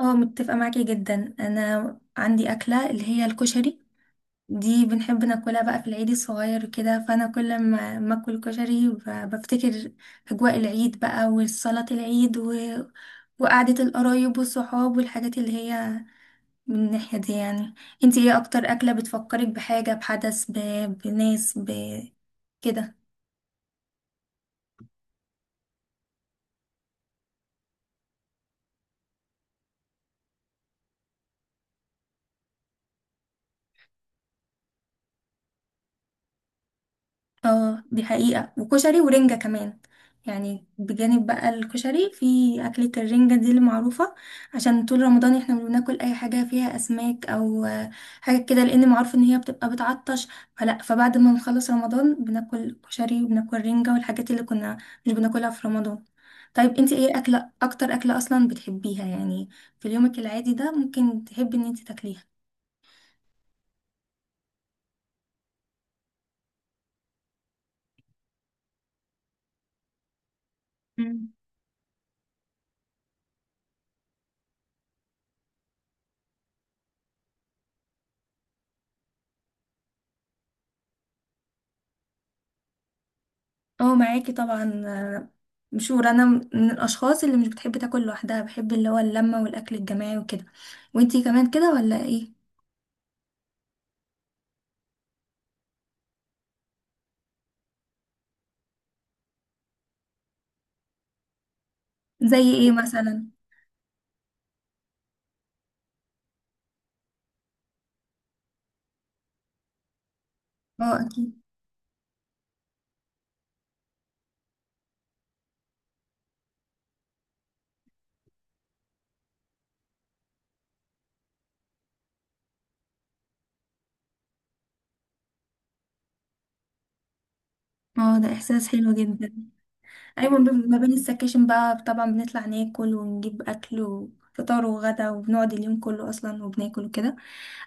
اه، متفقة معاكي جدا. انا عندي اكلة اللي هي الكشري، دي بنحب ناكلها بقى في العيد الصغير كده. فانا كل ما اكل كشري بفتكر اجواء العيد بقى، وصلاة العيد وقعدة القرايب والصحاب والحاجات اللي هي من الناحية دي يعني. انتي ايه اكتر اكلة بتفكرك بحاجة، بحدث، بناس، كده؟ اه، دي حقيقة. وكشري ورنجة كمان، يعني بجانب بقى الكشري في أكلة الرنجة دي المعروفة. عشان طول رمضان احنا بناكل أي حاجة فيها أسماك أو حاجة كده، لأن معروف إن هي بتبقى بتعطش. فبعد ما نخلص رمضان بناكل كشري وبناكل رنجة والحاجات اللي كنا مش بناكلها في رمضان. طيب انتي ايه أكلة، أكتر أكلة أصلا بتحبيها يعني في يومك العادي ده، ممكن تحبي إن انتي تاكليها؟ اه، معاكي طبعا. مشهور انا من الاشخاص اللي مش بتحب تاكل لوحدها، بحب اللي هو اللمه والاكل الجماعي وكده. وانتي كمان كده ولا ايه؟ زي ايه مثلا؟ اه اكيد. اه، ده احساس حلو جدا. ايوه، ما بين السكاشن بقى طبعا بنطلع ناكل ونجيب اكل وفطار وغدا، وبنقعد اليوم كله اصلا وبناكل وكده.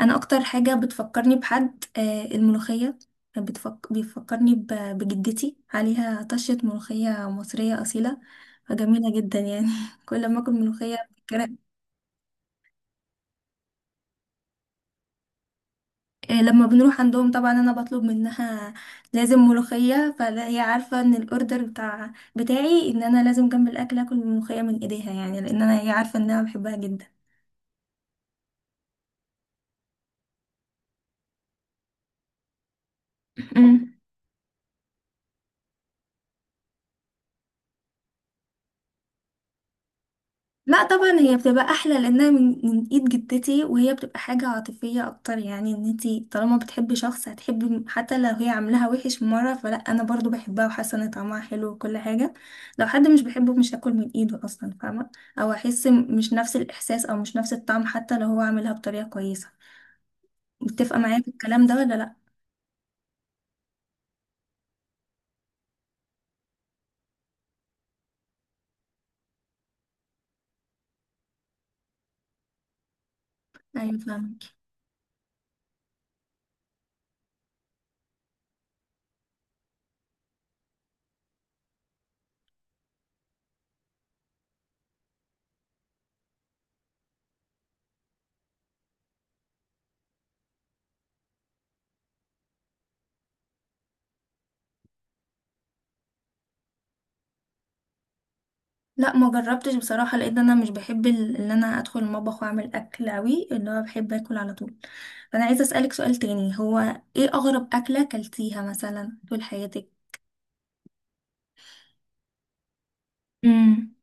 انا اكتر حاجه بتفكرني بحد الملوخيه. بيفكرني بجدتي، عليها طشه ملوخيه مصريه اصيله، فجميله جدا يعني. كل ما اكل ملوخيه. لما بنروح عندهم طبعا انا بطلب منها لازم ملوخية. فهي عارفة ان الاوردر بتاعي ان انا لازم جنب الاكل اكل ملوخية من ايديها، يعني لان انا، هي عارفة ان انا بحبها جدا. لا طبعا، هي بتبقى احلى لانها من ايد جدتي، وهي بتبقى حاجه عاطفيه اكتر. يعني ان انتي طالما بتحبي شخص هتحبي، حتى لو هي عاملاها وحش مره انا برضو بحبها وحاسه ان طعمها حلو وكل حاجه. لو حد مش بحبه مش هاكل من ايده اصلا، فاهمه؟ او احس مش نفس الاحساس او مش نفس الطعم حتى لو هو عاملها بطريقه كويسه. متفقه معايا في الكلام ده ولا لا؟ ايوه فاهمه. لا ما جربتش بصراحة، لان انا مش بحب ان انا ادخل المطبخ واعمل اكل اوي. اللي هو بحب اكل على طول. فانا عايزة اسألك سؤال تاني، هو ايه اغرب اكلة اكلتيها مثلا طول حياتك؟ امم.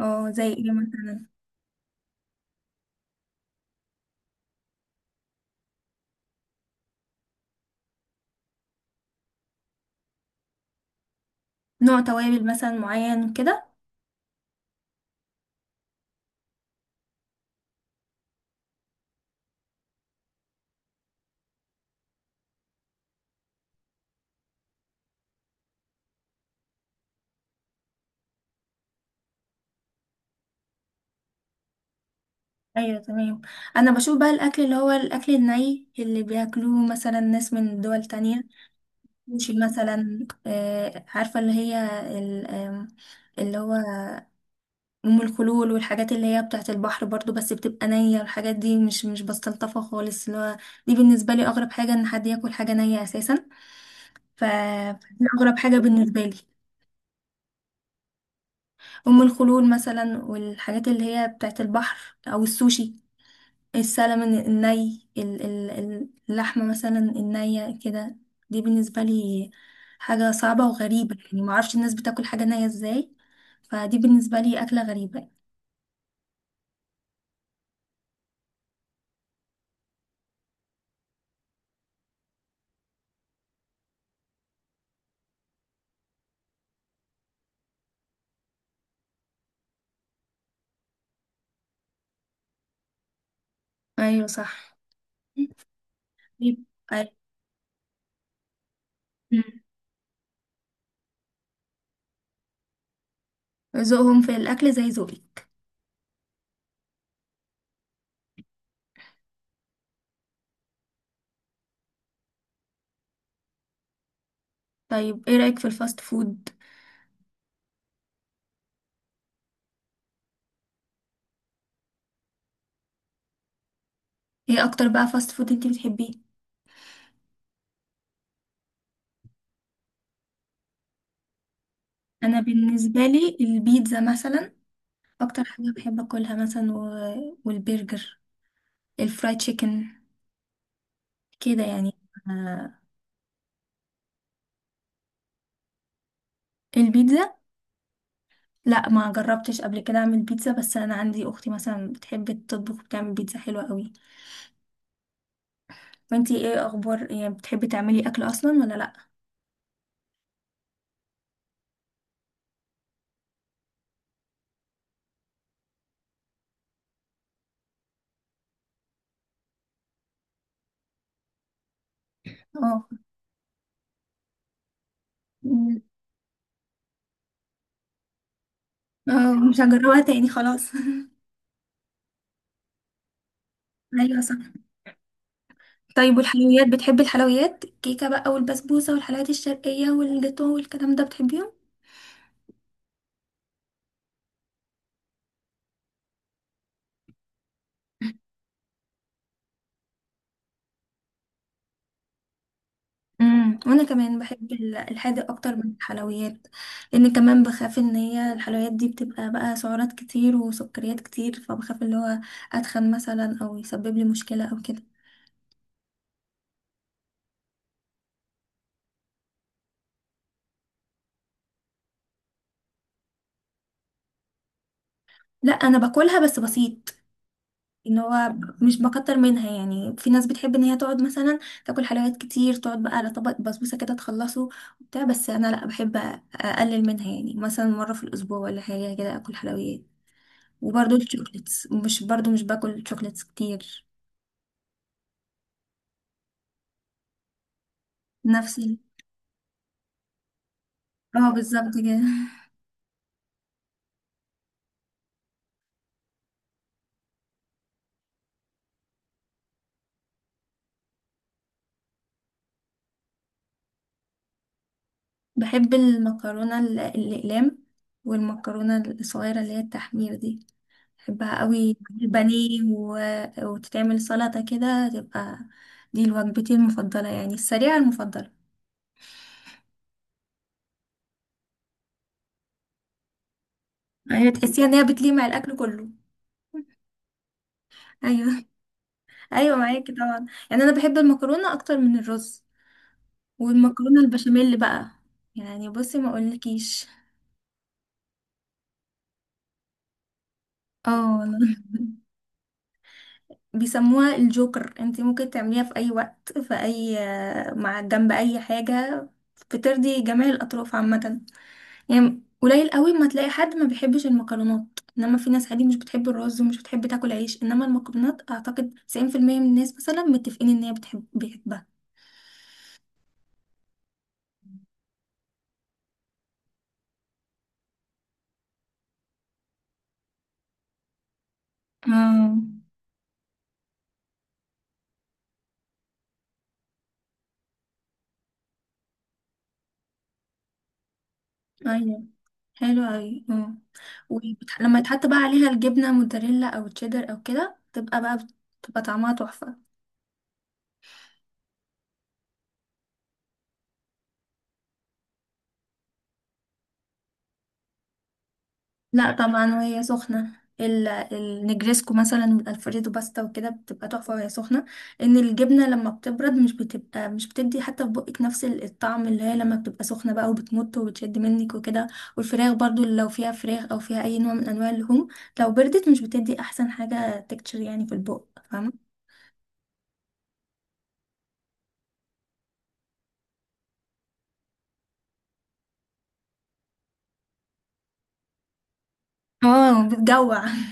اه زي ايه مثلا؟ نوع توابل مثلا معين كده؟ ايوه تمام. انا بشوف بقى الاكل اللي هو الاكل الني اللي بياكلوه مثلا ناس من دول تانية، مش مثلا آه، عارفة اللي هي ال- آم، اللي هو ام الخلول والحاجات اللي هي بتاعت البحر برضو، بس بتبقى نية والحاجات دي مش بستلطفها خالص. اللي هو دي بالنسبة لي اغرب حاجة، ان حد ياكل حاجة نية اساسا. ف دي اغرب حاجة بالنسبة لي. ام الخلول مثلا، والحاجات اللي هي بتاعت البحر، او السوشي، السلمون الني، اللحمة مثلا النية كده. دي بالنسبة لي حاجة صعبة وغريبة، يعني معرفش الناس بتاكل حاجة نية ازاي. فدي بالنسبة لي أكلة غريبة. ايوه صح. طيب. أيوة. ذوقهم في الأكل زي ذوقك. طيب ايه رأيك في الفاست فود؟ ايه أكتر بقى فاست فود انتي بتحبيه؟ أنا بالنسبة لي البيتزا مثلا، أكتر حاجة بحب أكلها مثلا والبرجر، الفرايد تشيكن، كده يعني. آه، البيتزا. لا ما جربتش قبل كده أعمل بيتزا، بس أنا عندي أختي مثلا بتحب تطبخ، بتعمل بيتزا حلوة قوي. وانتي ايه أخبار، يعني بتحبي تعملي أكل أصلا ولا لأ؟ اه. م- اه مش هجربها تاني خلاص. ايوه صح. طيب والحلويات، بتحبي الحلويات، الكيكة بقى والبسبوسة والحلويات الشرقية والجاتو والكلام ده، بتحبيهم؟ امم، وانا كمان بحب الحادق اكتر من الحلويات، لان كمان بخاف ان هي الحلويات دي بتبقى بقى سعرات كتير وسكريات كتير، فبخاف اللي هو اتخن مثلا او يسبب لي مشكلة او كده. لا انا باكلها بس بسيط، ان هو مش بكتر منها. يعني في ناس بتحب ان هي تقعد مثلا تاكل حلويات كتير، تقعد بقى على طبق بسبوسه كده تخلصه وبتاع، بس انا لا، بحب اقلل منها يعني، مثلا مره في الاسبوع ولا حاجه كده اكل حلويات. وبرضه الشوكليتس، مش باكل شوكليتس كتير. نفس اه بالظبط كده. بحب المكرونه الاقلام، والمكرونه الصغيره اللي هي التحمير دي، بحبها قوي مع البانيه وتتعمل سلطة كده تبقى، دي وجبتي المفضلة يعني، السريعة المفضلة. هي تحسيها ان هي بتليق مع الاكل كله. ايوه. ايوه معاكي طبعا. يعني انا بحب المكرونة اكتر من الرز، والمكرونة البشاميل بقى. يعني بصي ما اقولكيش. اه والله. بيسموها الجوكر، انتي ممكن تعمليها في اي وقت، في اي، مع جنب اي حاجة. بترضي جميع الاطراف عامة، يعني قليل قوي ما تلاقي حد ما بيحبش المكرونات. انما في ناس عادي مش بتحب الرز ومش بتحب تاكل عيش، انما المكرونات اعتقد 90% من الناس مثلا متفقين ان هي بيحبها. اه ايوه، حلو اوي. اه، ولما يتحط بقى عليها الجبنه موتزاريلا او تشيدر او كده، تبقى بقى، بتبقى طعمها تحفه. لا طبعا وهي سخنة. النجريسكو مثلا والالفريدو باستا وكده بتبقى تحفة وهي سخنة، ان الجبنة لما بتبرد مش بتبقى، مش بتدي حتى في بقك نفس الطعم اللي هي لما بتبقى سخنة بقى وبتمط وبتشد منك وكده. والفراخ برضو، لو فيها فراخ او فيها اي نوع من انواع اللحوم لو بردت مش بتدي احسن حاجة تكتشر يعني في البق. فاهمة؟ اه بتجوع.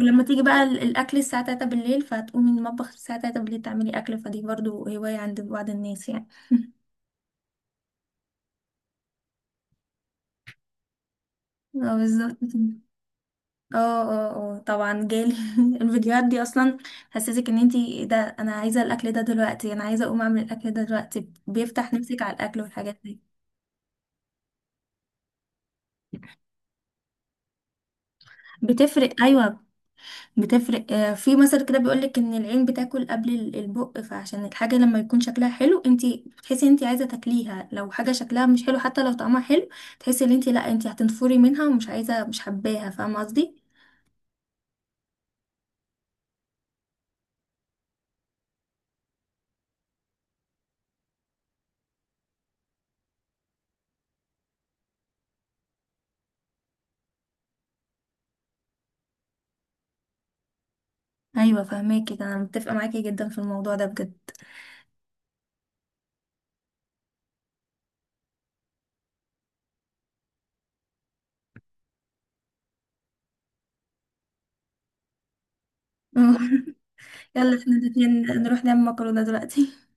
ولما تيجي بقى الاكل الساعة 3 بالليل، فتقومي من المطبخ الساعة 3 بالليل تعملي اكل، فدي برضو هواية عند بعض الناس يعني. اه بالظبط. اه اه اه طبعا جالي. الفيديوهات دي اصلا حسسك ان انتي، ده انا عايزه الاكل ده دلوقتي، انا عايزه اقوم اعمل الاكل ده دلوقتي. بيفتح نفسك على الاكل والحاجات دي، بتفرق. ايوه بتفرق. آه، في مثل كده بيقولك ان العين بتاكل قبل البق. فعشان الحاجه لما يكون شكلها حلو انتي بتحسي ان انتي عايزه تاكليها، لو حاجه شكلها مش حلو حتى لو طعمها حلو تحسي ان انتي لا، انتي هتنفري منها ومش عايزه، مش حباها. فاهمه قصدي؟ ايوه فاهماكي، ده انا متفقه معاكي جدا في الموضوع ده بجد. يلا احنا الاتنين نروح نعمل مكرونة دلوقتي.